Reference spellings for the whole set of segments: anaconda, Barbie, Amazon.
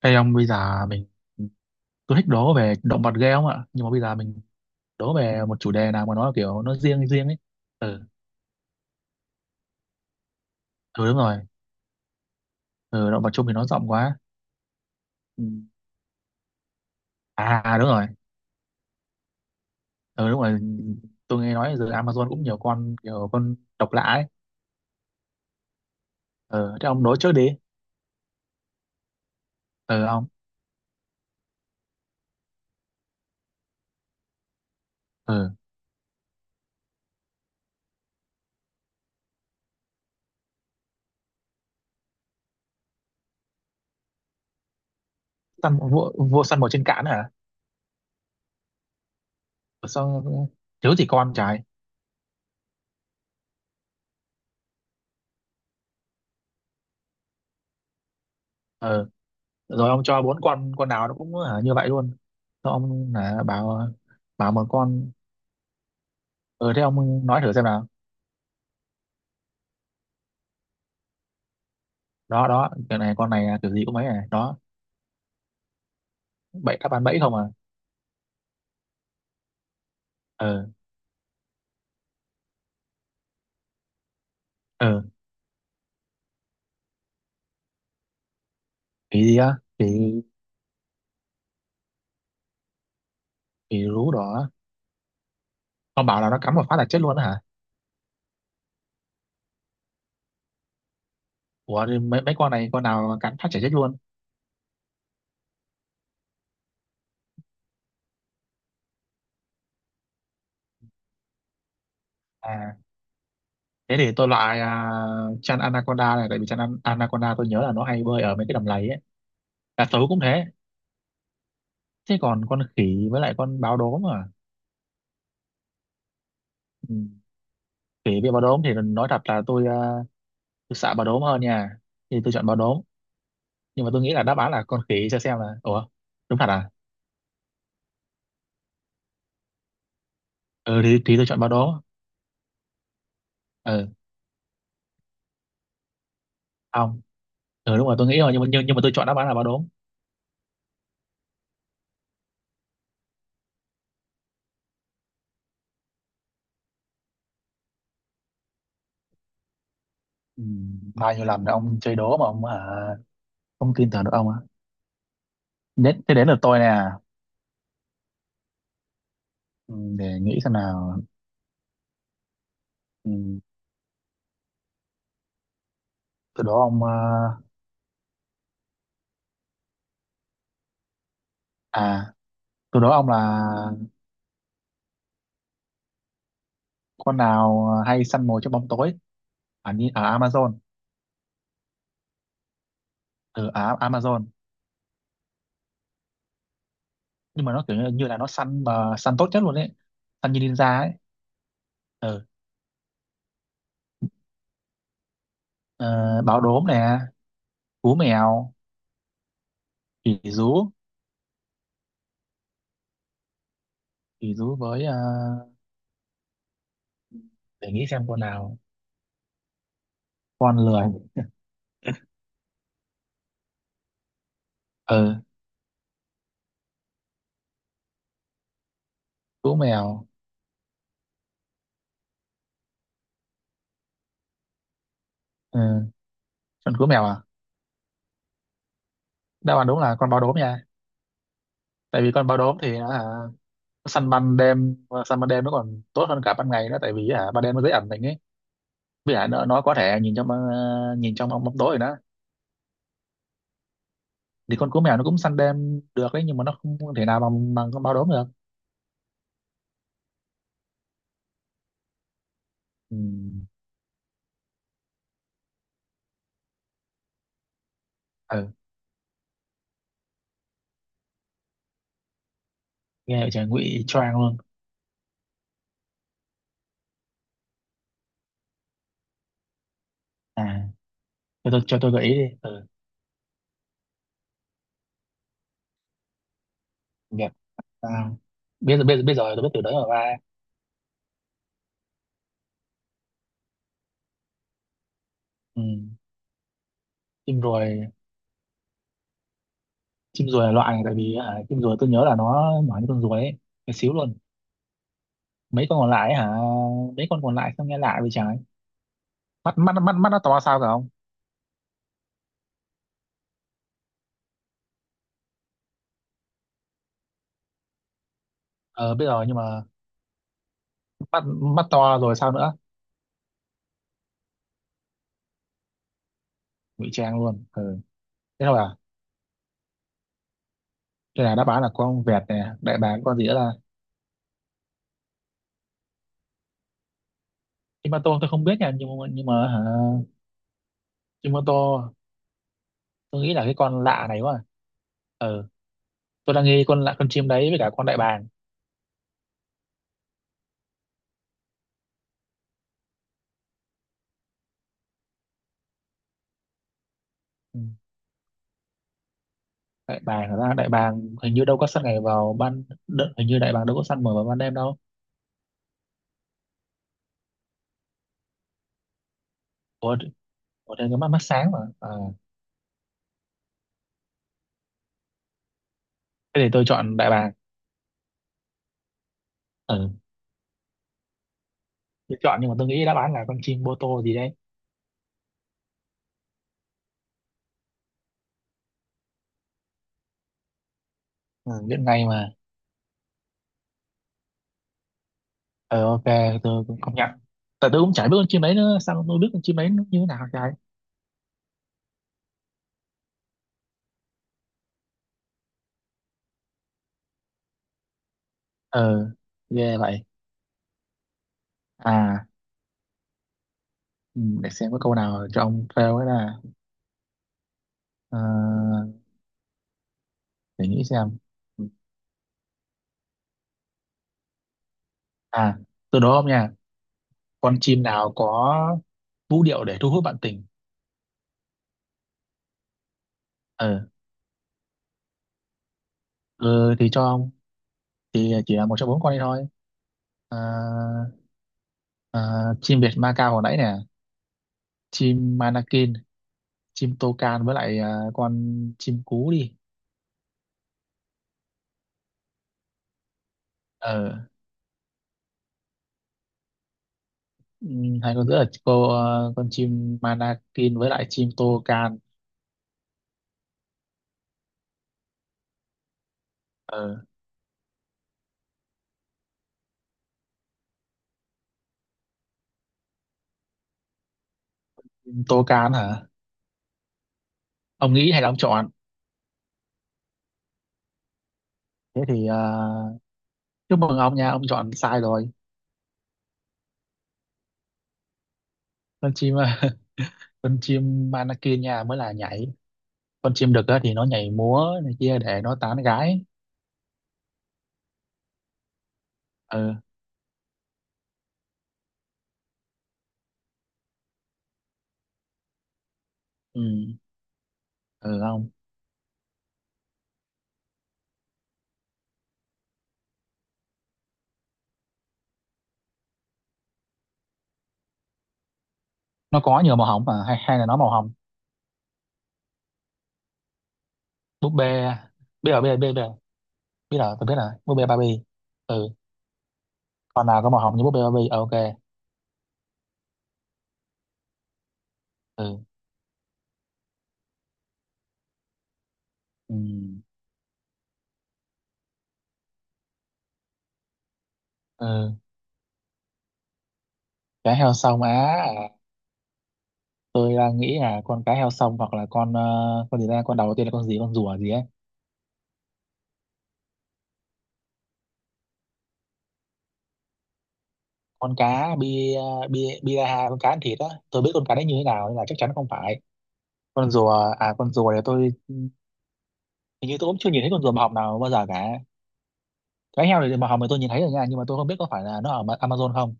Ê ông, bây giờ mình, tôi thích đố về động vật ghê không ạ? Nhưng mà bây giờ mình đố về một chủ đề nào mà nó kiểu nó riêng riêng ấy. Ừ. Ừ đúng rồi. Ừ, động vật chung thì nó rộng quá. Ừ. Đúng rồi. Ừ đúng rồi, tôi nghe nói giờ Amazon cũng nhiều con kiểu con độc lạ ấy. Ừ, thế ông đố trước đi. Ừ, ông. Ừ, săn vua, vua săn mồi trên cạn hả? Ừ, sao? Thiếu gì con trái. Ừ rồi, ông cho bốn con nào nó cũng hả, như vậy luôn? Sao ông hả, bảo? Bảo một con. Ừ, thế ông nói thử xem. Đó đó, cái này con này kiểu gì cũng mấy này đó. Bẫy, đáp án bẫy không à? Ờ. Ờ. Kỳ gì á? Kỳ? Kỳ rú đỏ á. Con bảo là nó cắn một phát là chết luôn á hả? Ủa thì mấy mấy con này con nào cắn phát chả chết luôn. à Thế thì tôi loại chăn anaconda này, tại vì anaconda tôi nhớ là nó hay bơi ở mấy cái đầm lầy ấy. Cá sấu cũng thế. Thế còn con khỉ với lại con báo đốm à? Ừ. Khỉ với báo đốm thì nói thật là tôi sợ báo đốm hơn nha. Thì tôi chọn báo đốm, nhưng mà tôi nghĩ là đáp án là con khỉ cho xem là ủa. Đúng thật à? Thì tôi chọn báo đốm. Ừ không. Ừ đúng rồi, tôi nghĩ rồi, nhưng mà tôi chọn đáp án là báo đốm. Ừ, bao nhiêu lần ông chơi đố mà không tin tưởng được ông á. Đến thế, đến lượt tôi nè. Ừ, để nghĩ xem nào. Ừ, từ đó ông à. à, Từ đó ông là con nào hay săn mồi trong bóng tối ở ở Amazon? Ở ở Amazon. Nhưng mà nó kiểu như như là nó săn mà săn tốt nhất luôn ấy. Săn như ninja ấy. Ừ. Ờ, báo đốm nè. Cú mèo. Khỉ rú. Khỉ rú với để nghĩ xem con nào. Con lười. Ừ, cú mèo. Ừ. Con cú mèo à? Đáp án đúng là con báo đốm nha. Tại vì con báo đốm thì nó săn ban đêm. Săn ban đêm nó còn tốt hơn cả ban ngày đó, tại vì ban đêm nó dễ ẩn mình ấy. Vì nó có thể nhìn trong nhìn trong bóng bóng tối rồi đó. Thì con cú mèo nó cũng săn đêm được đấy, nhưng mà nó không thể nào bằng bằng con báo đốm được. Ừ. Ừ. Nghe vậy trời, ngụy choang luôn. À, cho tôi, cho tôi gợi ý đi. Ừ. Việt Nam. Biết rồi, biết biết rồi, tôi biết từ đấy mà ba. Ừ. Chim ruồi. Chim ruồi là loại này tại vì hả, chim ruồi tôi nhớ là nó nhỏ như con ruồi ấy. Cái xíu luôn. Mấy con còn lại ấy, hả? Mấy con còn lại sao nghe lạ vậy trái? Mắt mắt mắt mắt nó to sao cả không? Ờ biết rồi, nhưng mà mắt, mắt to rồi sao nữa? Ngụy trang luôn. Ừ. Thế thôi à? Thế là đáp án là con vẹt nè, đại bàng, con gì nữa là chim ba tô. Tôi không biết nha, nhưng mà hả? Chim ba tô. Tôi nghĩ là cái con lạ này quá. Ừ, tôi đang nghi con lạ, con chim đấy với cả con đại bàng. Ừ. Đại bàng, thật ra đại bàng hình như đâu có săn ngày vào hình như đại bàng đâu có săn mở vào ban đêm đâu. Ủa, ở đây có mắt, mắt sáng mà thế thì tôi chọn đại bàng. Ừ. Tôi chọn nhưng mà tôi nghĩ đáp án là con chim bô tô gì đấy. Ừ, biết ngay mà. Ừ, ok, tôi cũng công nhận. Tại tôi cũng chả biết con chim đấy nữa, sao tôi biết con chim đấy nó như thế nào trời. Ờ, ghê vậy. À, ừ, để xem có câu nào cho ông fail ấy là. Ờ, để nghĩ xem. À, tôi đố ông nha. Con chim nào có vũ điệu để thu hút bạn tình? Ờ. Ừ thì cho ông, thì chỉ là một trong bốn con đi thôi. Ờ. Ờ, chim Việt Ma Cao hồi nãy nè, chim manakin, chim tô can với lại con chim cú đi. Ờ. Hay con giữa là con chim manakin với lại chim tô can. Ờ, chim tô can hả? Ông nghĩ hay là ông chọn? Thế thì chúc mừng ông nha, ông chọn sai rồi. Con chim con chim manakin nha mới là nhảy. Con chim đực á thì nó nhảy múa này kia để nó tán gái. Ờ. Ừ. Ừ không. Nó có nhiều màu hồng mà, hay hay là nó màu hồng? Búp bê. Biết rồi biết rồi. Biết rồi, tôi biết rồi, búp bê Barbie. Ừ. Con nào có màu hồng như búp bê Barbie? Ờ, ok. Ừ. Ừ. Ừ, cá heo sông á. À, tôi đang nghĩ là con cá heo sông hoặc là con gì ra, con đầu tiên là con gì, con rùa gì ấy. Con cá bi, bi biraha, con cá ăn thịt á, tôi biết con cá đấy như thế nào nên là chắc chắn không phải. Con rùa, à con rùa thì tôi hình như tôi cũng chưa nhìn thấy con rùa màu hồng nào bao giờ cả. Cá heo thì màu hồng thì tôi nhìn thấy rồi nha, nhưng mà tôi không biết có phải là nó ở Amazon không.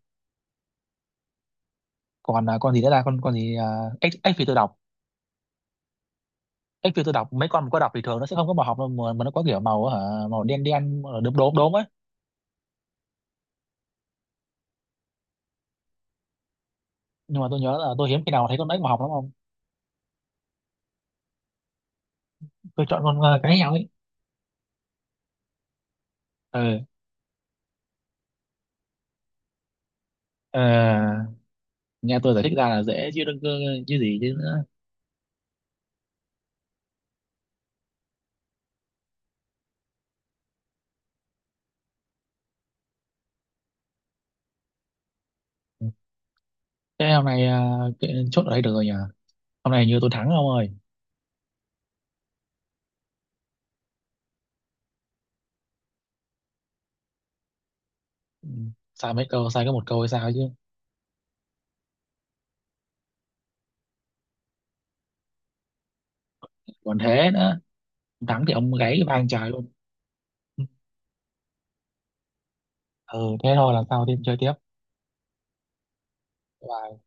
Còn con gì nữa là con gì, ếch, ếch phi tự độc. Cái kiểu tôi đọc mấy con có đọc thì thường nó sẽ không có màu học đâu, mà nó có kiểu màu hả, màu đen đen ờ, đốm đốm đốm á. Nhưng mà tôi nhớ là tôi hiếm khi nào thấy con ếch màu học lắm không. Tôi chọn cái nhau ấy. Ừ. Ờ, nghe tôi giải thích ra là dễ chứ đừng cơ- chứ gì chứ nữa. Thế hôm nay chốt ở đây được rồi nhỉ. Hôm nay như tôi thắng ông ơi. Ừ, sai mấy câu, sai có một câu hay sao chứ. Còn thế nữa, thắng thì ông gáy vang trời luôn. Ừ thế thôi, lần sau thêm chơi tiếp. Bye.